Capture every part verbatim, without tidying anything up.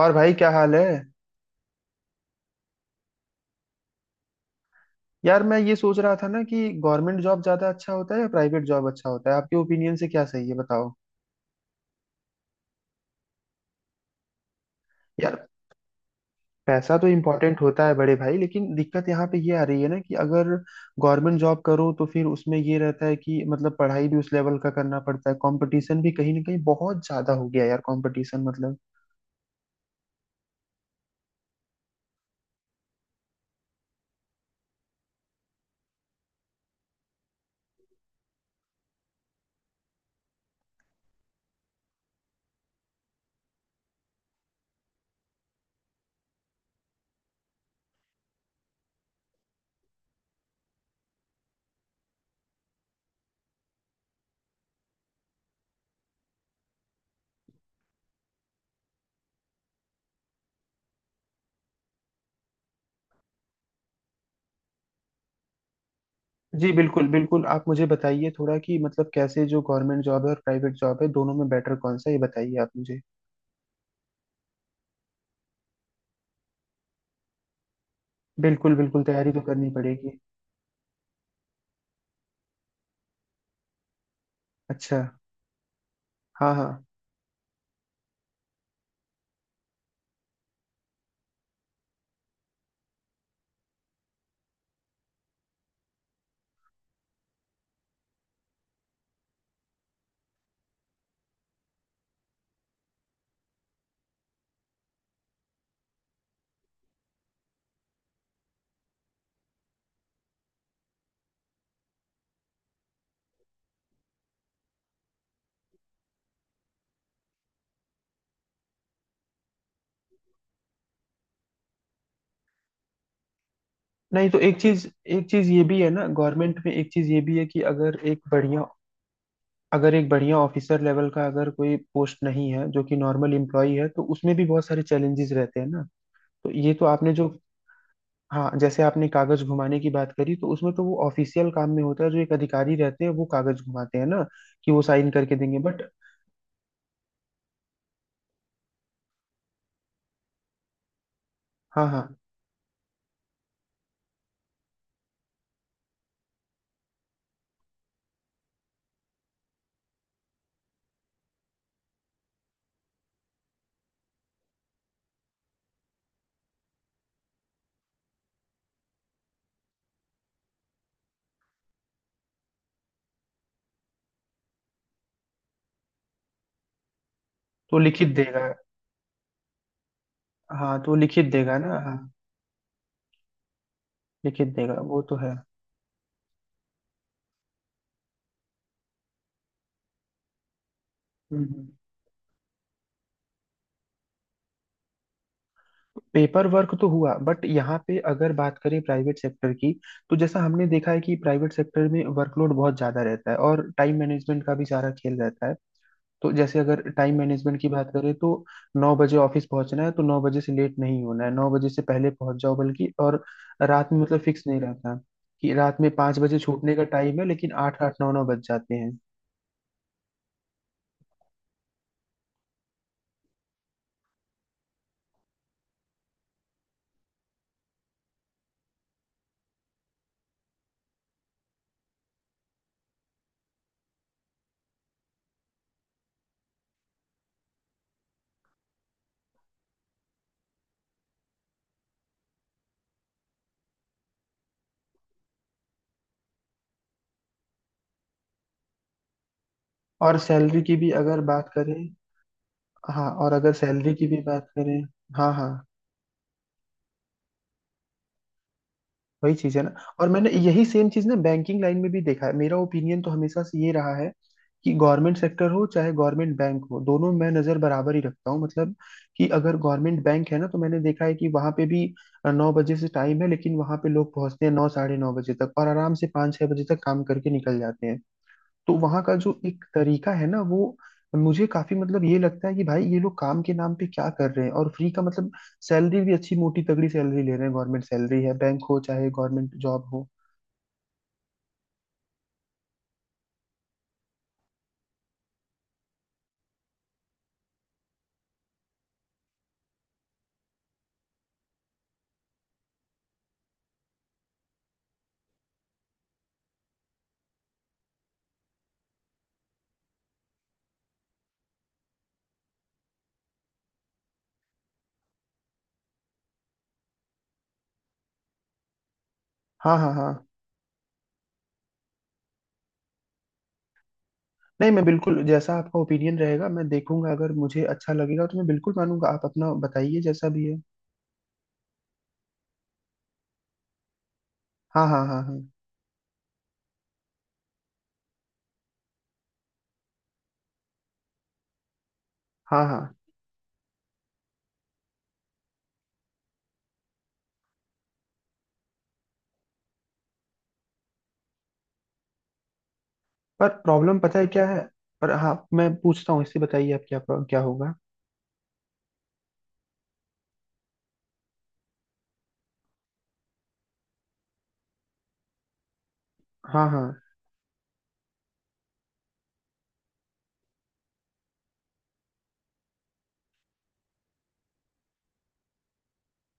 और भाई क्या हाल है। यार मैं ये सोच रहा था ना कि गवर्नमेंट जॉब ज्यादा अच्छा होता है या प्राइवेट जॉब अच्छा होता है, आपके ओपिनियन से क्या सही है बताओ। यार पैसा तो इम्पोर्टेंट होता है बड़े भाई, लेकिन दिक्कत यहाँ पे ये आ रही है ना कि अगर गवर्नमेंट जॉब करो तो फिर उसमें ये रहता है कि मतलब पढ़ाई भी उस लेवल का करना पड़ता है, कंपटीशन भी कहीं ना कहीं बहुत ज्यादा हो गया यार, कंपटीशन मतलब। जी बिल्कुल बिल्कुल, आप मुझे बताइए थोड़ा कि मतलब कैसे जो गवर्नमेंट जॉब है और प्राइवेट जॉब है दोनों में बेटर कौन सा है, ये बताइए आप मुझे। बिल्कुल बिल्कुल, तैयारी तो करनी पड़ेगी। अच्छा। हाँ हाँ। नहीं तो एक चीज एक चीज ये भी है ना, गवर्नमेंट में एक चीज ये भी है कि अगर एक बढ़िया अगर एक बढ़िया ऑफिसर लेवल का अगर कोई पोस्ट नहीं है जो कि नॉर्मल एम्प्लॉई है, तो उसमें भी बहुत सारे चैलेंजेस रहते हैं ना। तो ये तो आपने जो, हाँ जैसे आपने कागज घुमाने की बात करी, तो उसमें तो वो ऑफिशियल काम में होता है, जो एक अधिकारी रहते हैं वो कागज घुमाते हैं ना कि वो साइन करके देंगे, बट हाँ हाँ। तो लिखित देगा हाँ तो लिखित देगा ना, हाँ। लिखित देगा वो तो है। हम्म हम्म। पेपर वर्क तो हुआ, बट यहाँ पे अगर बात करें प्राइवेट सेक्टर की, तो जैसा हमने देखा है कि प्राइवेट सेक्टर में वर्कलोड बहुत ज्यादा रहता है और टाइम मैनेजमेंट का भी सारा खेल रहता है। तो जैसे अगर टाइम मैनेजमेंट की बात करें, तो नौ बजे ऑफिस पहुंचना है तो नौ बजे से लेट नहीं होना है, नौ बजे से पहले पहुंच जाओ बल्कि, और रात में मतलब फिक्स नहीं रहता कि रात में पाँच बजे छूटने का टाइम है लेकिन आठ आठ नौ नौ बज जाते हैं। और सैलरी की भी अगर बात करें, हाँ और अगर सैलरी की भी बात करें। हाँ हाँ। वही चीज है ना। और मैंने यही सेम चीज ना बैंकिंग लाइन में भी देखा है, मेरा ओपिनियन तो हमेशा से ये रहा है कि गवर्नमेंट सेक्टर हो चाहे गवर्नमेंट बैंक हो, दोनों मैं नजर बराबर ही रखता हूँ। मतलब कि अगर गवर्नमेंट बैंक है ना तो मैंने देखा है कि वहां पे भी नौ बजे से टाइम है, लेकिन वहां पे लोग पहुंचते हैं नौ साढ़े नौ बजे तक, और आराम से पाँच छह बजे तक काम करके निकल जाते हैं। तो वहां का जो एक तरीका है ना वो मुझे काफी मतलब ये लगता है कि भाई ये लोग काम के नाम पे क्या कर रहे हैं, और फ्री का मतलब सैलरी भी अच्छी, मोटी तगड़ी सैलरी ले रहे हैं, गवर्नमेंट सैलरी है, बैंक हो चाहे गवर्नमेंट जॉब हो। हाँ हाँ हाँ। नहीं मैं बिल्कुल, जैसा आपका ओपिनियन रहेगा मैं देखूंगा, अगर मुझे अच्छा लगेगा तो मैं बिल्कुल मानूंगा, आप अपना बताइए जैसा भी है। हाँ हाँ हाँ हाँ। हाँ हाँ। पर प्रॉब्लम पता है क्या है? पर हाँ, मैं पूछता हूँ इससे, बताइए आप क्या, क्या होगा? हाँ हाँ।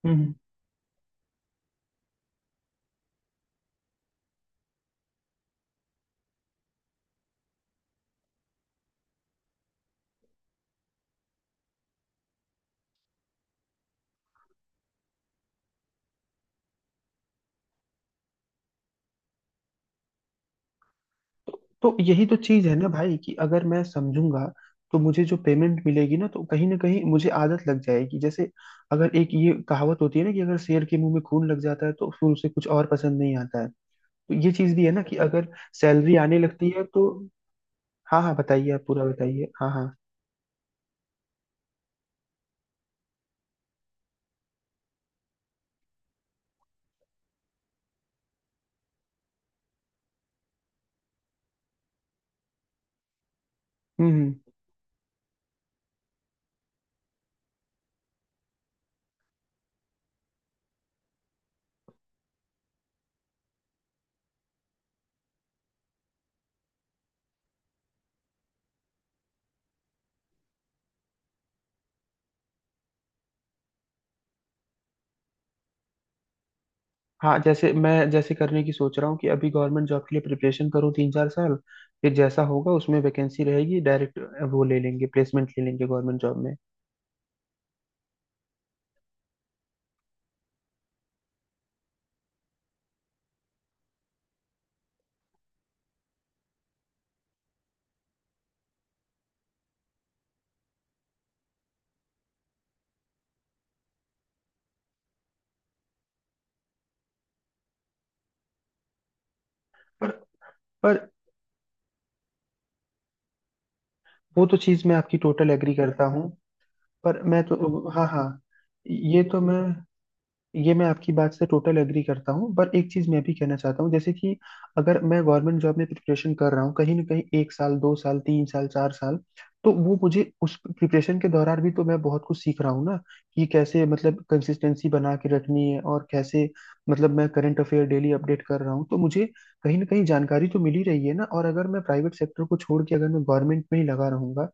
हम्म। तो यही तो चीज है ना भाई, कि अगर मैं समझूंगा तो मुझे जो पेमेंट मिलेगी ना, तो कहीं ना कहीं मुझे आदत लग जाएगी। जैसे अगर एक ये कहावत होती है ना कि अगर शेर के मुंह में खून लग जाता है तो फिर उसे कुछ और पसंद नहीं आता है, तो ये चीज भी है ना कि अगर सैलरी आने लगती है तो। हाँ हाँ, बताइए आप पूरा बताइए, हाँ हाँ। हम्म हम्म हाँ जैसे मैं जैसे करने की सोच रहा हूँ कि अभी गवर्नमेंट जॉब के लिए प्रिपरेशन करूँ तीन चार साल, फिर जैसा होगा उसमें वैकेंसी रहेगी डायरेक्ट, वो ले लेंगे, प्लेसमेंट ले लेंगे गवर्नमेंट जॉब में। पर पर वो तो चीज मैं आपकी टोटल एग्री करता हूँ, पर मैं तो, हाँ हाँ। ये तो मैं ये मैं आपकी बात से टोटल एग्री करता हूँ, पर एक चीज मैं भी कहना चाहता हूँ जैसे कि अगर मैं गवर्नमेंट जॉब में प्रिपरेशन कर रहा हूँ कहीं ना कहीं एक साल दो साल तीन साल चार साल, तो वो मुझे उस प्रिपरेशन के दौरान भी तो मैं बहुत कुछ सीख रहा हूँ ना, कि कैसे मतलब कंसिस्टेंसी बना के रखनी है, और कैसे मतलब मैं करंट अफेयर डेली अपडेट कर रहा हूँ तो मुझे कहीं ना कहीं जानकारी तो मिल ही रही है ना। और अगर मैं प्राइवेट सेक्टर को छोड़ के अगर मैं गवर्नमेंट में ही लगा रहूंगा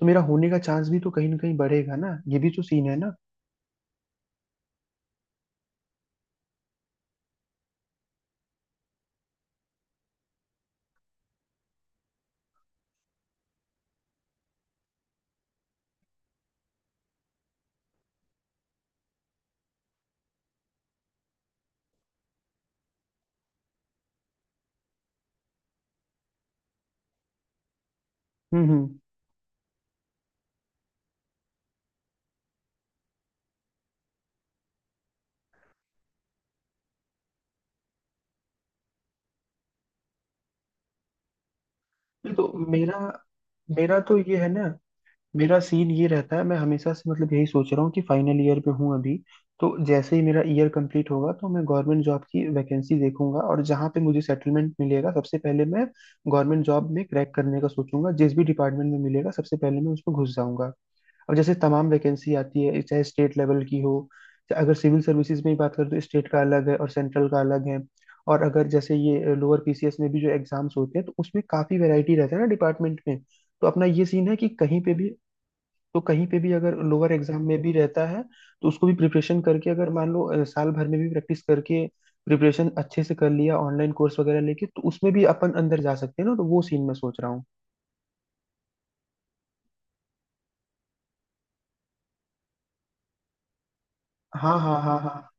तो मेरा होने का चांस भी तो कहीं ना कहीं बढ़ेगा ना, ये भी तो सीन है ना। हम्म हम्म। नहीं तो मेरा मेरा तो ये है ना, मेरा सीन ये रहता है, मैं हमेशा से मतलब यही सोच रहा हूँ कि फाइनल ईयर पे हूँ अभी, तो जैसे ही मेरा ईयर कंप्लीट होगा तो मैं गवर्नमेंट जॉब की वैकेंसी देखूंगा, और जहाँ पे मुझे सेटलमेंट मिलेगा सबसे पहले मैं गवर्नमेंट जॉब में क्रैक करने का सोचूंगा, जिस भी डिपार्टमेंट में मिलेगा सबसे पहले मैं उसमें घुस जाऊंगा। अब जैसे तमाम वैकेंसी आती है, चाहे स्टेट लेवल की हो, चाहे अगर सिविल सर्विसेज में ही बात करें तो स्टेट का अलग है और सेंट्रल का अलग है, और अगर जैसे ये लोअर पीसीएस में भी जो एग्जाम्स होते हैं तो उसमें काफी वैरायटी रहता है ना डिपार्टमेंट में। तो अपना ये सीन है कि कहीं पे भी तो कहीं पे भी अगर लोअर एग्जाम में भी रहता है तो उसको भी प्रिपरेशन करके, अगर मान लो अ, साल भर में भी प्रैक्टिस करके प्रिपरेशन अच्छे से कर लिया, ऑनलाइन कोर्स वगैरह लेके, तो उसमें भी अपन अंदर जा सकते हैं ना, तो वो सीन मैं सोच रहा हूँ। हाँ हाँ हाँ हाँ।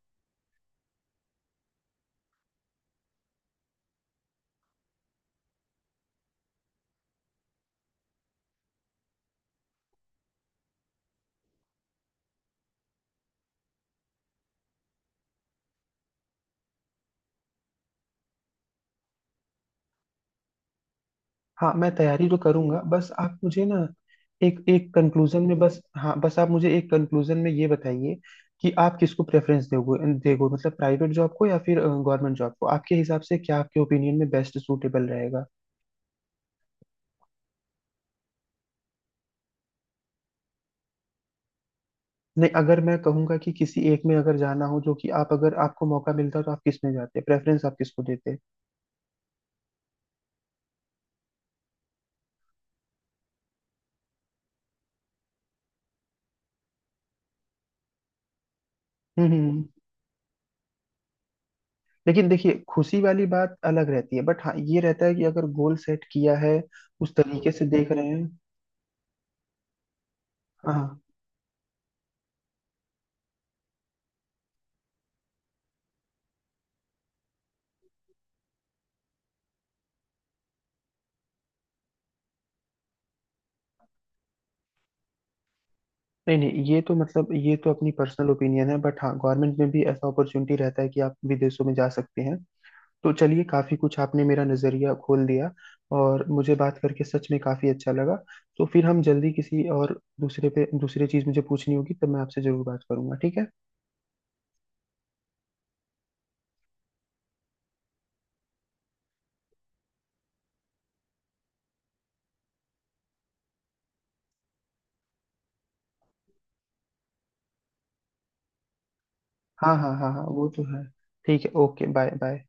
हाँ मैं तैयारी तो करूंगा, बस आप मुझे ना एक, एक कंक्लूजन में बस हाँ बस आप मुझे एक कंक्लूजन में ये बताइए कि आप किसको प्रेफरेंस दोगे, देगो मतलब, प्राइवेट जॉब को या फिर गवर्नमेंट जॉब को? आपके हिसाब से क्या, आपके ओपिनियन में बेस्ट सूटेबल रहेगा? नहीं अगर मैं कहूंगा कि किसी एक में अगर जाना हो, जो कि आप अगर आपको मौका मिलता तो आप किस में जाते, प्रेफरेंस आप किसको देते? हम्म हम्म। हम्म। लेकिन देखिए खुशी वाली बात अलग रहती है, बट हाँ ये रहता है कि अगर गोल सेट किया है उस तरीके से देख रहे हैं। हाँ। नहीं नहीं, ये तो मतलब ये तो अपनी पर्सनल ओपिनियन है, बट हाँ गवर्नमेंट में भी ऐसा अपॉर्चुनिटी रहता है कि आप विदेशों में जा सकते हैं। तो चलिए, काफी कुछ आपने मेरा नजरिया खोल दिया, और मुझे बात करके सच में काफी अच्छा लगा। तो फिर हम जल्दी किसी और दूसरे पे, दूसरी चीज मुझे पूछनी होगी तब मैं आपसे जरूर बात करूंगा, ठीक है। हाँ हाँ हाँ हाँ, वो तो है। ठीक है, ओके, बाय बाय।